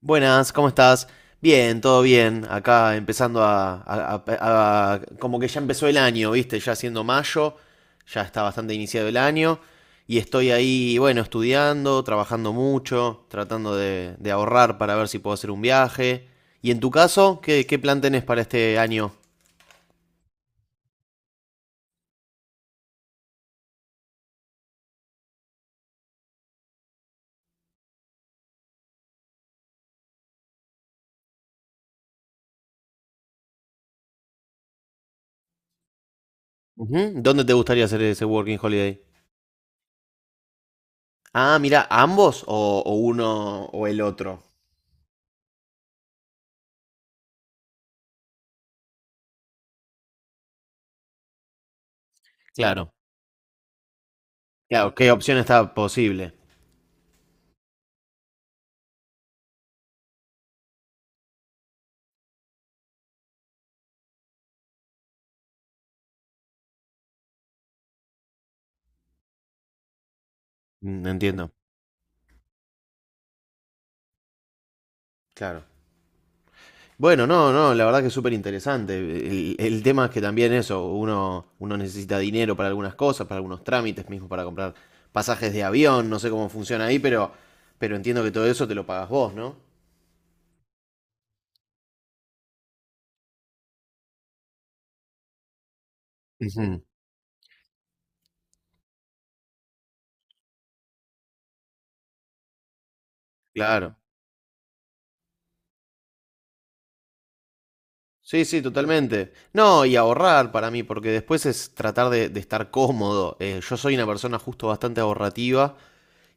Buenas, ¿cómo estás? Bien, todo bien. Acá empezando como que ya empezó el año, ¿viste? Ya siendo mayo, ya está bastante iniciado el año. Y estoy ahí, bueno, estudiando, trabajando mucho, tratando de ahorrar para ver si puedo hacer un viaje. ¿Y en tu caso, qué plan tenés para este año? Ujú, ¿dónde te gustaría hacer ese working holiday? Ah, mira, ¿ambos o uno o el otro? Claro. Claro, ¿qué opción está posible? Mm, entiendo. Claro. Bueno, no, no, la verdad que es súper interesante. El tema es que también eso, uno necesita dinero para algunas cosas, para algunos trámites, mismo para comprar pasajes de avión, no sé cómo funciona ahí, pero entiendo que todo eso te lo pagas vos, ¿no? Ujú. Claro. Sí, sí, totalmente. No, y ahorrar para mí, porque después es tratar de estar cómodo. Yo soy una persona justo bastante ahorrativa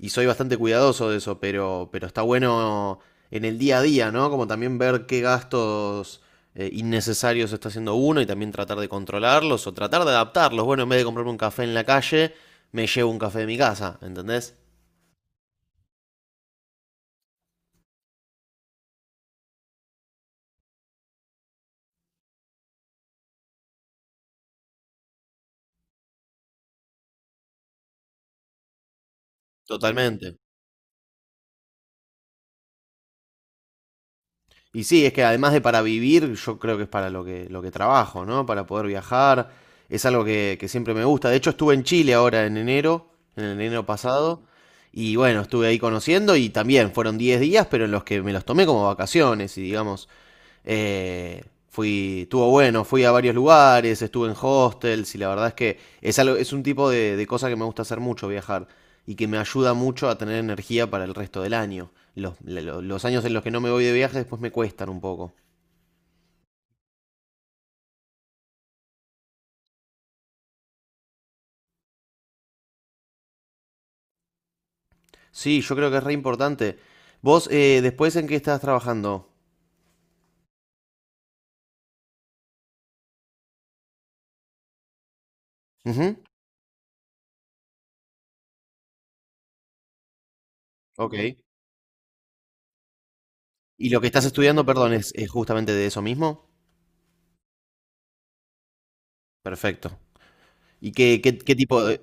y soy bastante cuidadoso de eso, pero está bueno en el día a día, ¿no? Como también ver qué gastos innecesarios está haciendo uno y también tratar de controlarlos o tratar de adaptarlos. Bueno, en vez de comprarme un café en la calle, me llevo un café de mi casa, ¿entendés? Totalmente. Y sí, es que además de para vivir, yo creo que es para lo que trabajo, ¿no? Para poder viajar. Es algo que siempre me gusta. De hecho, estuve en Chile ahora en enero, en el enero pasado. Y bueno, estuve ahí conociendo y también fueron 10 días, pero en los que me los tomé como vacaciones y digamos, fui, estuvo bueno, fui a varios lugares, estuve en hostels y la verdad es que es, algo, es un tipo de cosa que me gusta hacer mucho, viajar, y que me ayuda mucho a tener energía para el resto del año. Los años en los que no me voy de viaje después me cuestan un poco. Sí, yo creo que es re importante. Vos, después, ¿en qué estás trabajando? Ujú. Ok. ¿Y lo que estás estudiando, perdón, es justamente de eso mismo? Perfecto. ¿Y qué tipo de...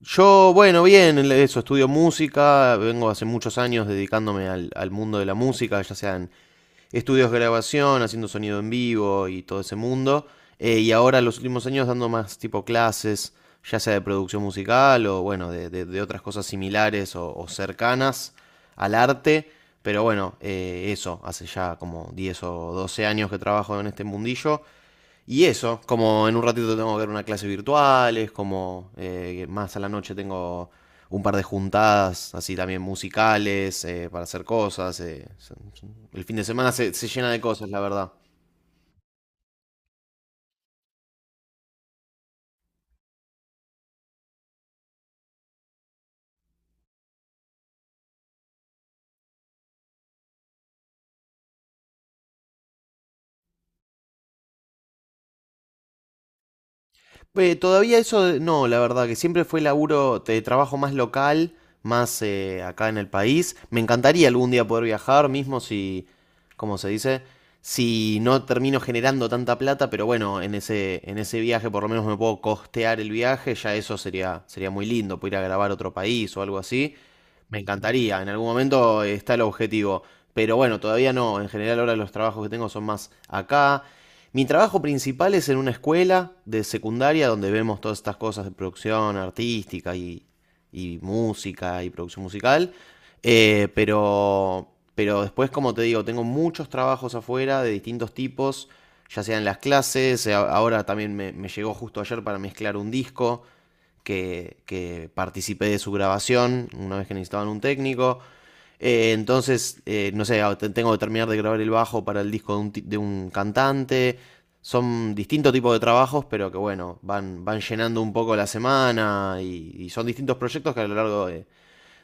Yo, bueno, bien, eso, estudio música, vengo hace muchos años dedicándome al mundo de la música, ya sean estudios de grabación, haciendo sonido en vivo y todo ese mundo, y ahora los últimos años dando más tipo clases, ya sea de producción musical o bueno, de otras cosas similares o cercanas al arte, pero bueno, eso, hace ya como 10 o 12 años que trabajo en este mundillo y eso, como en un ratito tengo que ver una clase virtual, es como más a la noche tengo un par de juntadas, así también musicales, para hacer cosas. El fin de semana se llena de cosas, la verdad. Todavía eso, no, la verdad, que siempre fue laburo de trabajo más local, más acá en el país. Me encantaría algún día poder viajar, mismo si, ¿cómo se dice? Si no termino generando tanta plata, pero bueno, en ese viaje por lo menos me puedo costear el viaje, ya eso sería muy lindo, poder ir a grabar a otro país o algo así. Me encantaría, en algún momento está el objetivo, pero bueno, todavía no. En general ahora los trabajos que tengo son más acá. Mi trabajo principal es en una escuela de secundaria donde vemos todas estas cosas de producción artística y música y producción musical. Eh, pero, pero después, como te digo, tengo muchos trabajos afuera de distintos tipos, ya sean las clases, ahora también me llegó justo ayer para mezclar un disco que participé de su grabación una vez que necesitaban un técnico. Entonces, no sé, tengo que terminar de grabar el bajo para el disco de un cantante. Son distintos tipos de trabajos, pero que bueno, van llenando un poco la semana y son distintos proyectos que a lo largo de,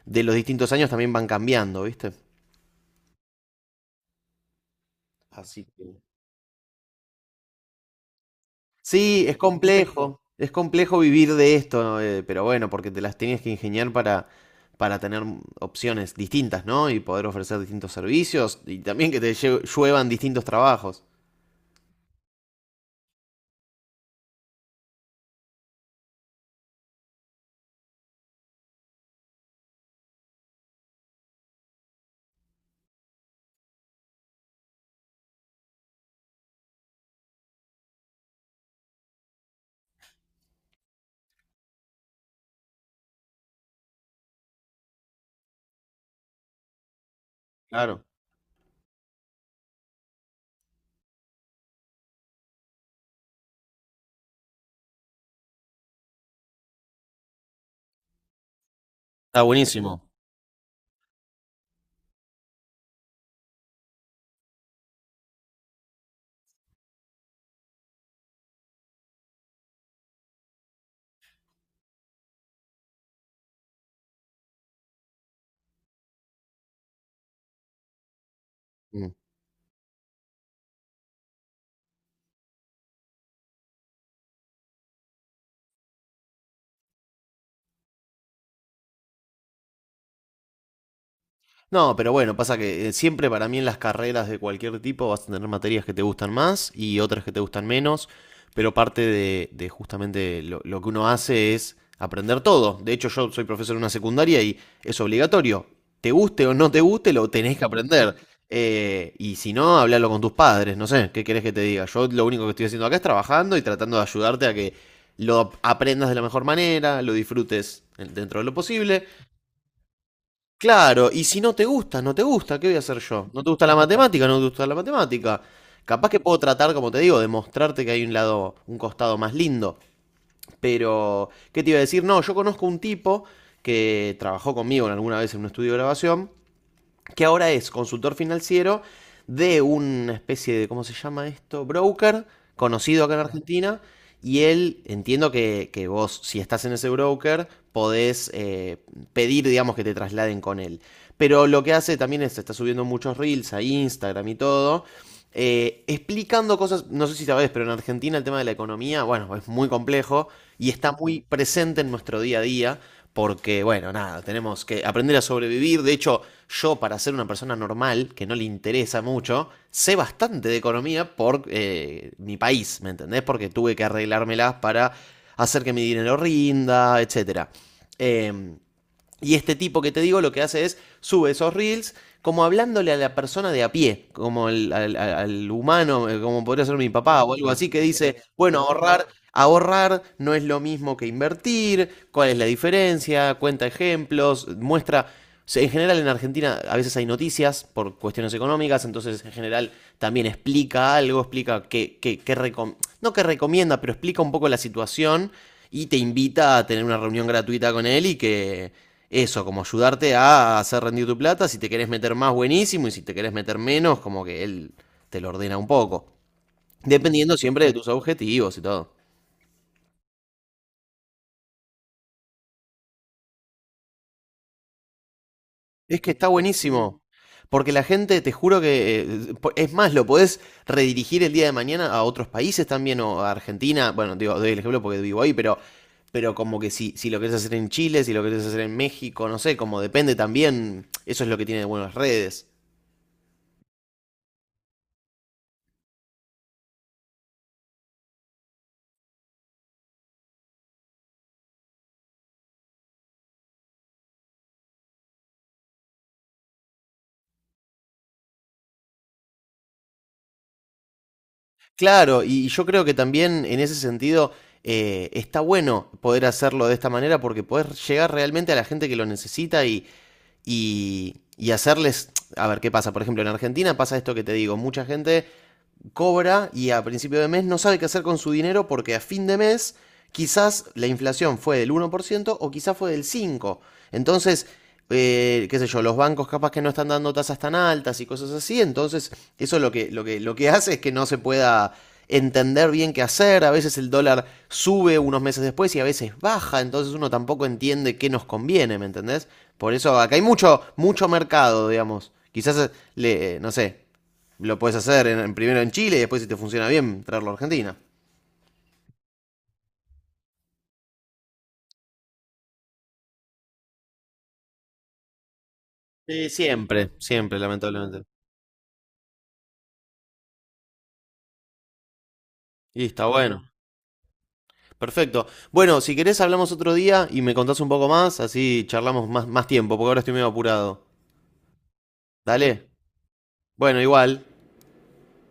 de los distintos años también van cambiando, ¿viste? Así que... Sí, es complejo vivir de esto, ¿no? Pero bueno, porque te las tenías que ingeniar para tener opciones distintas, ¿no? Y poder ofrecer distintos servicios y también que te lluevan distintos trabajos. Claro. Está buenísimo. No, pero bueno, pasa que siempre para mí en las carreras de cualquier tipo vas a tener materias que te gustan más y otras que te gustan menos, pero parte de justamente lo que uno hace es aprender todo. De hecho, yo soy profesor en una secundaria y es obligatorio. Te guste o no te guste, lo tenés que aprender. Y si no, hablalo con tus padres, no sé, ¿qué querés que te diga? Yo lo único que estoy haciendo acá es trabajando y tratando de ayudarte a que lo aprendas de la mejor manera, lo disfrutes dentro de lo posible. Claro, y si no te gusta, no te gusta, ¿qué voy a hacer yo? ¿No te gusta la matemática? ¿No te gusta la matemática? Capaz que puedo tratar, como te digo, de mostrarte que hay un lado, un costado más lindo. Pero, ¿qué te iba a decir? No, yo conozco un tipo que trabajó conmigo en alguna vez en un estudio de grabación que ahora es consultor financiero de una especie de, ¿cómo se llama esto? Broker, conocido acá en Argentina. Y él, entiendo que vos, si estás en ese broker, podés pedir, digamos, que te trasladen con él. Pero lo que hace también es, está subiendo muchos reels a Instagram y todo, explicando cosas, no sé si sabés, pero en Argentina el tema de la economía, bueno, es muy complejo y está muy presente en nuestro día a día, porque, bueno, nada, tenemos que aprender a sobrevivir. De hecho, yo, para ser una persona normal, que no le interesa mucho, sé bastante de economía por mi país, ¿me entendés? Porque tuve que arreglármelas para hacer que mi dinero rinda, etcétera. Em, y este tipo que te digo lo que hace es sube esos reels como hablándole a la persona de a pie, como humano, como podría ser mi papá o algo así, que dice, bueno, ahorrar, ahorrar no es lo mismo que invertir, cuál es la diferencia, cuenta ejemplos, muestra... O en general en Argentina a veces hay noticias por cuestiones económicas, entonces en general también explica algo, explica que recom no que recomienda, pero explica un poco la situación y te invita a tener una reunión gratuita con él y que eso, como ayudarte a hacer rendir tu plata, si te querés meter más buenísimo y si te querés meter menos, como que él te lo ordena un poco, dependiendo siempre de tus objetivos y todo. Es que está buenísimo. Porque la gente, te juro que, es más, lo podés redirigir el día de mañana a otros países también o a Argentina. Bueno, digo, doy el ejemplo porque vivo ahí, pero, como que si lo querés hacer en Chile, si lo querés hacer en México, no sé, como depende también, eso es lo que tiene de buenas redes. Claro, y yo creo que también en ese sentido está bueno poder hacerlo de esta manera porque podés llegar realmente a la gente que lo necesita y hacerles, a ver qué pasa. Por ejemplo, en Argentina pasa esto que te digo, mucha gente cobra y a principio de mes no sabe qué hacer con su dinero porque a fin de mes quizás la inflación fue del 1% o quizás fue del 5%. Entonces, qué sé yo, los bancos capaz que no están dando tasas tan altas y cosas así, entonces eso lo que hace es que no se pueda entender bien qué hacer, a veces el dólar sube unos meses después y a veces baja, entonces uno tampoco entiende qué nos conviene, ¿me entendés? Por eso acá hay mucho, mucho mercado, digamos. Quizás, le, no sé, lo puedes hacer en, primero en Chile y después, si te funciona bien, traerlo a Argentina. Sí, siempre, siempre, lamentablemente. Y está bueno. Perfecto. Bueno, si querés hablamos otro día y me contás un poco más, así charlamos más, más tiempo, porque ahora estoy medio apurado. Dale. Bueno, igual.